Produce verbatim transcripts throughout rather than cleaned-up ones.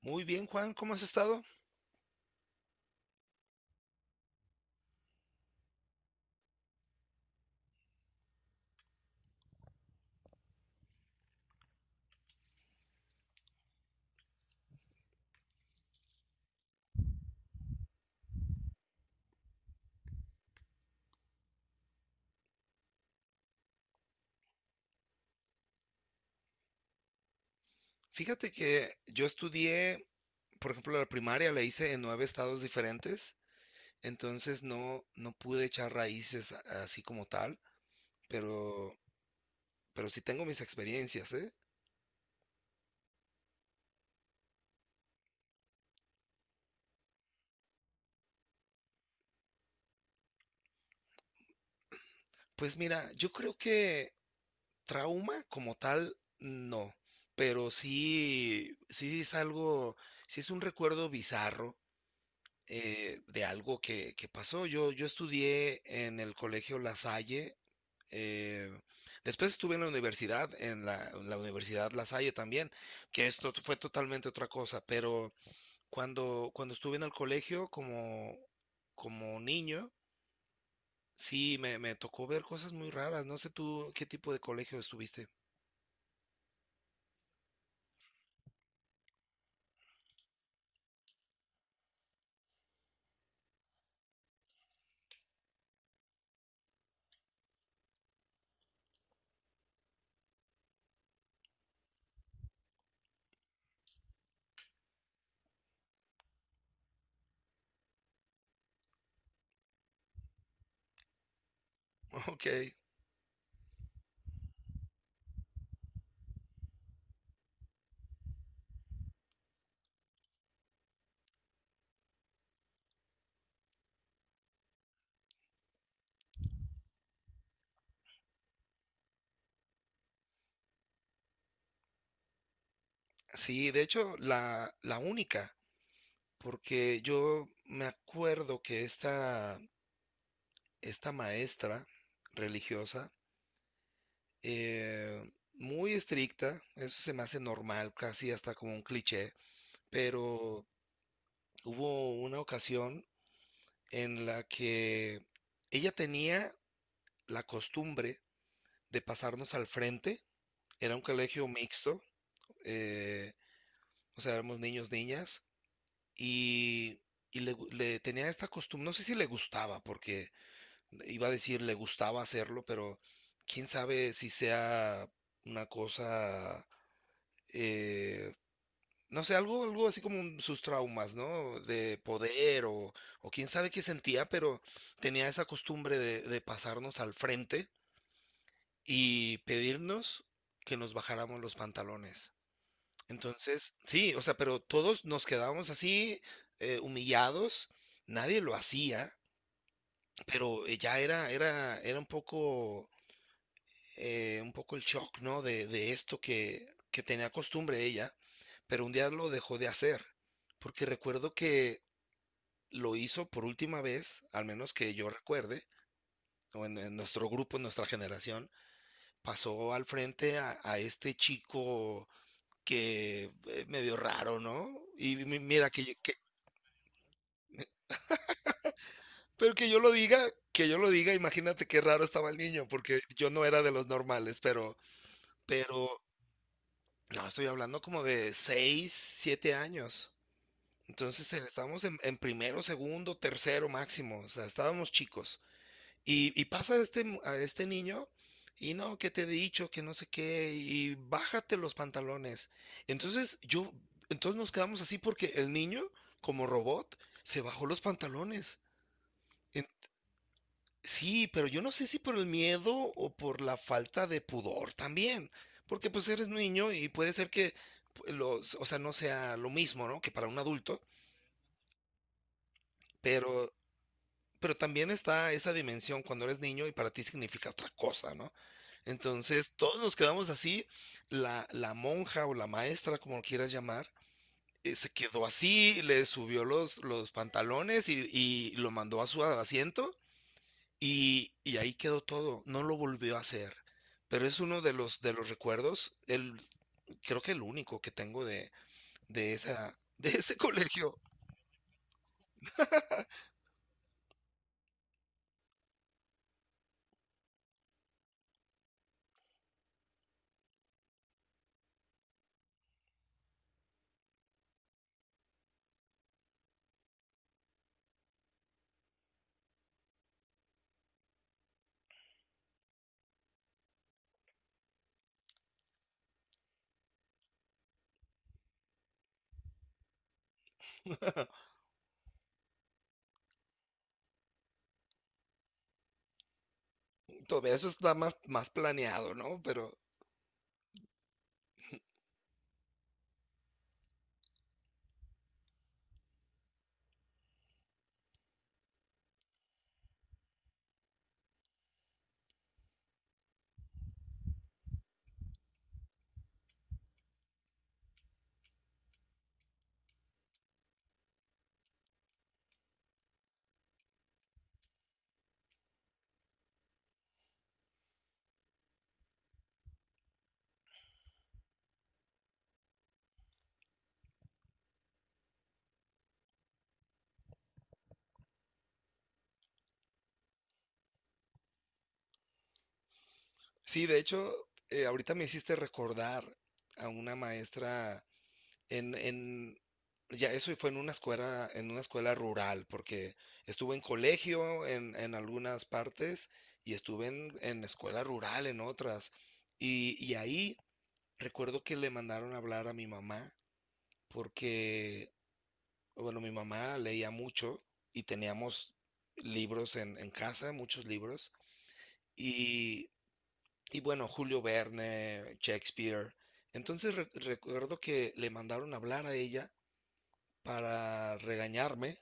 Muy bien, Juan, ¿cómo has estado? Fíjate que yo estudié, por ejemplo, la primaria la hice en nueve estados diferentes, entonces no, no pude echar raíces a- así como tal, pero, pero sí tengo mis experiencias, ¿eh? Pues mira, yo creo que trauma como tal, no, pero sí, sí es algo, sí es un recuerdo bizarro. Eh, de algo que, que pasó. Yo, yo estudié en el colegio La Salle. Eh, Después estuve en la universidad, en la, en la Universidad La Salle también, que esto fue totalmente otra cosa, pero cuando, cuando estuve en el colegio como, como niño, sí, me, me tocó ver cosas muy raras. No sé tú qué tipo de colegio estuviste. Ok, sí, de hecho, la, la única, porque yo me acuerdo que esta, esta maestra religiosa, eh, muy estricta, eso se me hace normal, casi hasta como un cliché, pero hubo una ocasión en la que ella tenía la costumbre de pasarnos al frente, era un colegio mixto, eh, o sea, éramos niños, niñas, y, y le, gu- le tenía esta costumbre, no sé si le gustaba, porque iba a decir le gustaba hacerlo, pero quién sabe si sea una cosa. eh, No sé, algo, algo así como un- sus traumas, ¿no? De poder o, o quién sabe qué sentía, pero tenía esa costumbre de, de pasarnos al frente y pedirnos que nos bajáramos los pantalones. Entonces, sí, o sea, pero todos nos quedábamos así, eh, humillados, nadie lo hacía, pero eh, ya era, era, era un poco, eh, un poco el shock, ¿no? De, de esto que, que tenía costumbre ella, pero un día lo dejó de hacer, porque recuerdo que lo hizo por última vez, al menos que yo recuerde, o en, en nuestro grupo, en nuestra generación, pasó al frente a, a este chico que eh, medio raro, ¿no? Y mi- mira, que, yo- que- pero que yo lo diga, que yo lo diga, imagínate qué raro estaba el niño, porque yo no era de los normales, pero, pero, no, estoy hablando como de seis, siete años. Entonces eh, estábamos en, en primero, segundo, tercero máximo, o sea, estábamos chicos. Y, y pasa este, a este niño y no, que te he dicho, que no sé qué, y bájate los pantalones. Entonces yo, entonces nos quedamos así porque el niño, como robot, se bajó los pantalones. En- sí, pero yo no sé si por el miedo o por la falta de pudor también, porque pues eres niño y puede ser que pues, los, o sea, no sea lo mismo, ¿no? Que para un adulto, pero pero también está esa dimensión cuando eres niño y para ti significa otra cosa, ¿no? Entonces, todos nos quedamos así, la, la monja o la maestra, como lo quieras llamar, eh, se quedó así, le subió los, los pantalones y, y lo mandó a su asiento y, y ahí quedó todo, no lo volvió a hacer. Pero es uno de los, de los recuerdos, el, creo que el único que tengo de, de esa, de ese colegio. Todavía eso está más, más planeado, ¿no? Pero sí, de hecho, eh, ahorita me hiciste recordar a una maestra en, en, ya eso fue en una escuela, en una escuela, rural, porque estuve en colegio en, en algunas partes y estuve en, en escuela rural en otras. Y, y ahí recuerdo que le mandaron a hablar a mi mamá, porque, bueno, mi mamá leía mucho y teníamos libros en, en casa, muchos libros. Y bueno, Julio Verne, Shakespeare. Entonces re- recuerdo que le mandaron a hablar a ella para regañarme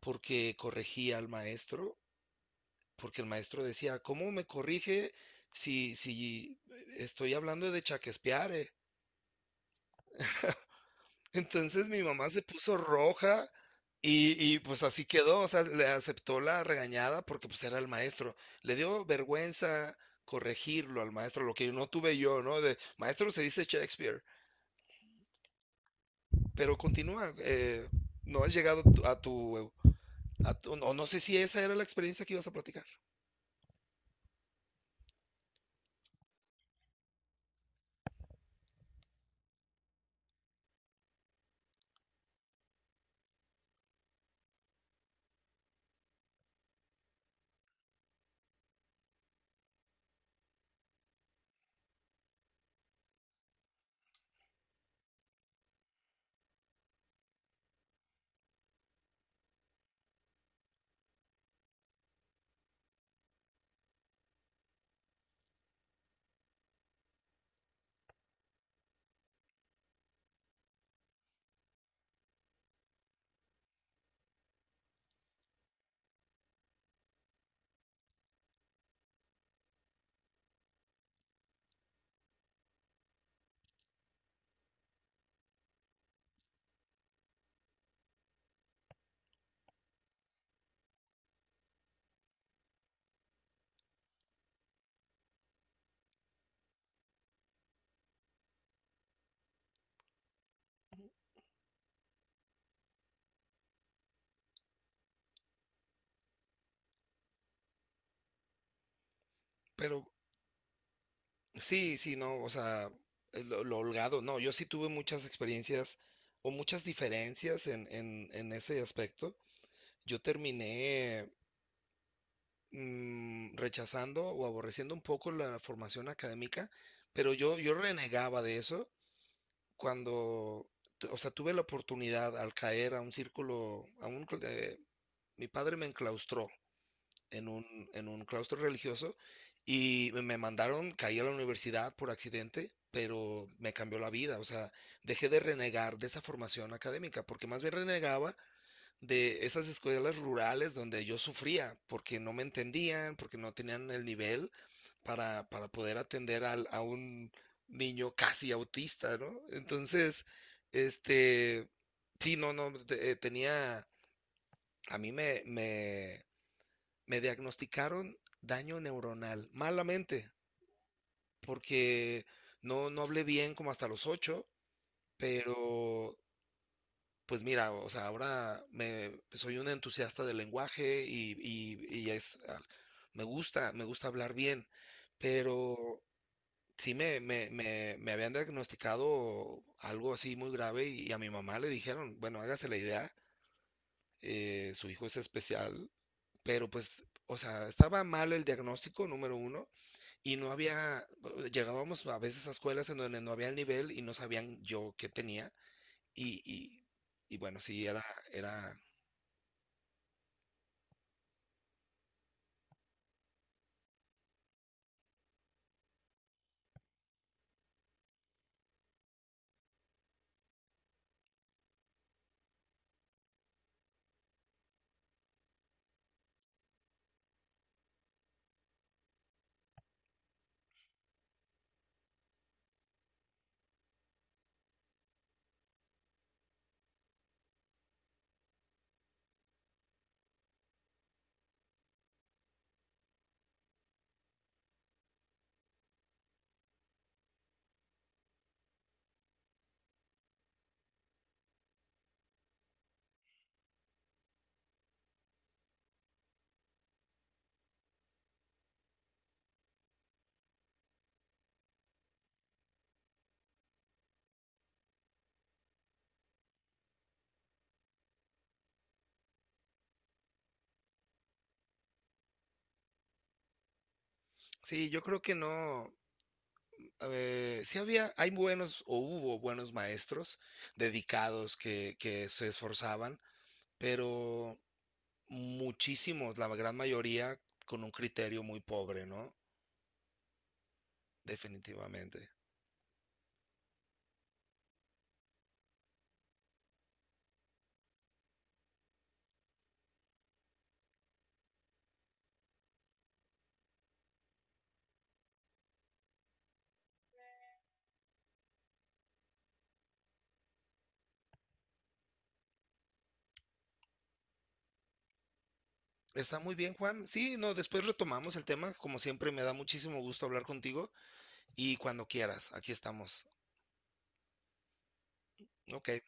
porque corregía al maestro, porque el maestro decía, ¿cómo me corrige si, si estoy hablando de Shakespeare? Entonces mi mamá se puso roja y, y pues así quedó, o sea, le aceptó la regañada porque pues era el maestro. Le dio vergüenza corregirlo al maestro, lo que no tuve yo, ¿no? De maestro se dice Shakespeare. Pero continúa, eh, no has llegado tu- a tu, a tu- no, no sé si esa era la experiencia que ibas a platicar, pero sí, sí, no, o sea, eh, lo, lo holgado, no, yo sí tuve muchas experiencias o muchas diferencias en, en, en ese aspecto. Yo terminé mm, rechazando o aborreciendo un poco la formación académica, pero yo, yo renegaba de eso cuando, tu- o sea, tuve la oportunidad al caer a un círculo, a un, cl- eh, mi padre me enclaustró en un, en un claustro religioso y me me mandaron, caí a la universidad por accidente, pero me cambió la vida, o sea, dejé de renegar de esa formación académica, porque más bien renegaba de esas escuelas rurales donde yo sufría, porque no me entendían, porque no tenían el nivel para, para poder atender al- a un niño casi autista, ¿no? Entonces, este, sí, no, no, te- eh, tenía, a mí me, me, me diagnosticaron daño neuronal, malamente, porque no, no hablé bien como hasta los ocho, pero pues mira, o sea, ahora me, soy un entusiasta del lenguaje y, y- y es, ah, me gusta, me gusta hablar bien, pero sí me, me, me, me habían diagnosticado algo así muy grave y, y a mi mamá le dijeron, bueno, hágase la idea, eh, su hijo es especial, pero pues, o sea, estaba mal el diagnóstico, número uno. Y no había, llegábamos a veces a escuelas en donde no había el nivel y no sabían yo qué tenía. Y, y, y bueno, sí, era, era, sí, yo creo que no, eh, sí había, hay buenos o hubo buenos maestros dedicados que, que se esforzaban, pero muchísimos, la gran mayoría con un criterio muy pobre, ¿no? Definitivamente. Está muy bien, Juan. Sí, no, después retomamos el tema. Como siempre, me da muchísimo gusto hablar contigo y cuando quieras, aquí estamos. Ok,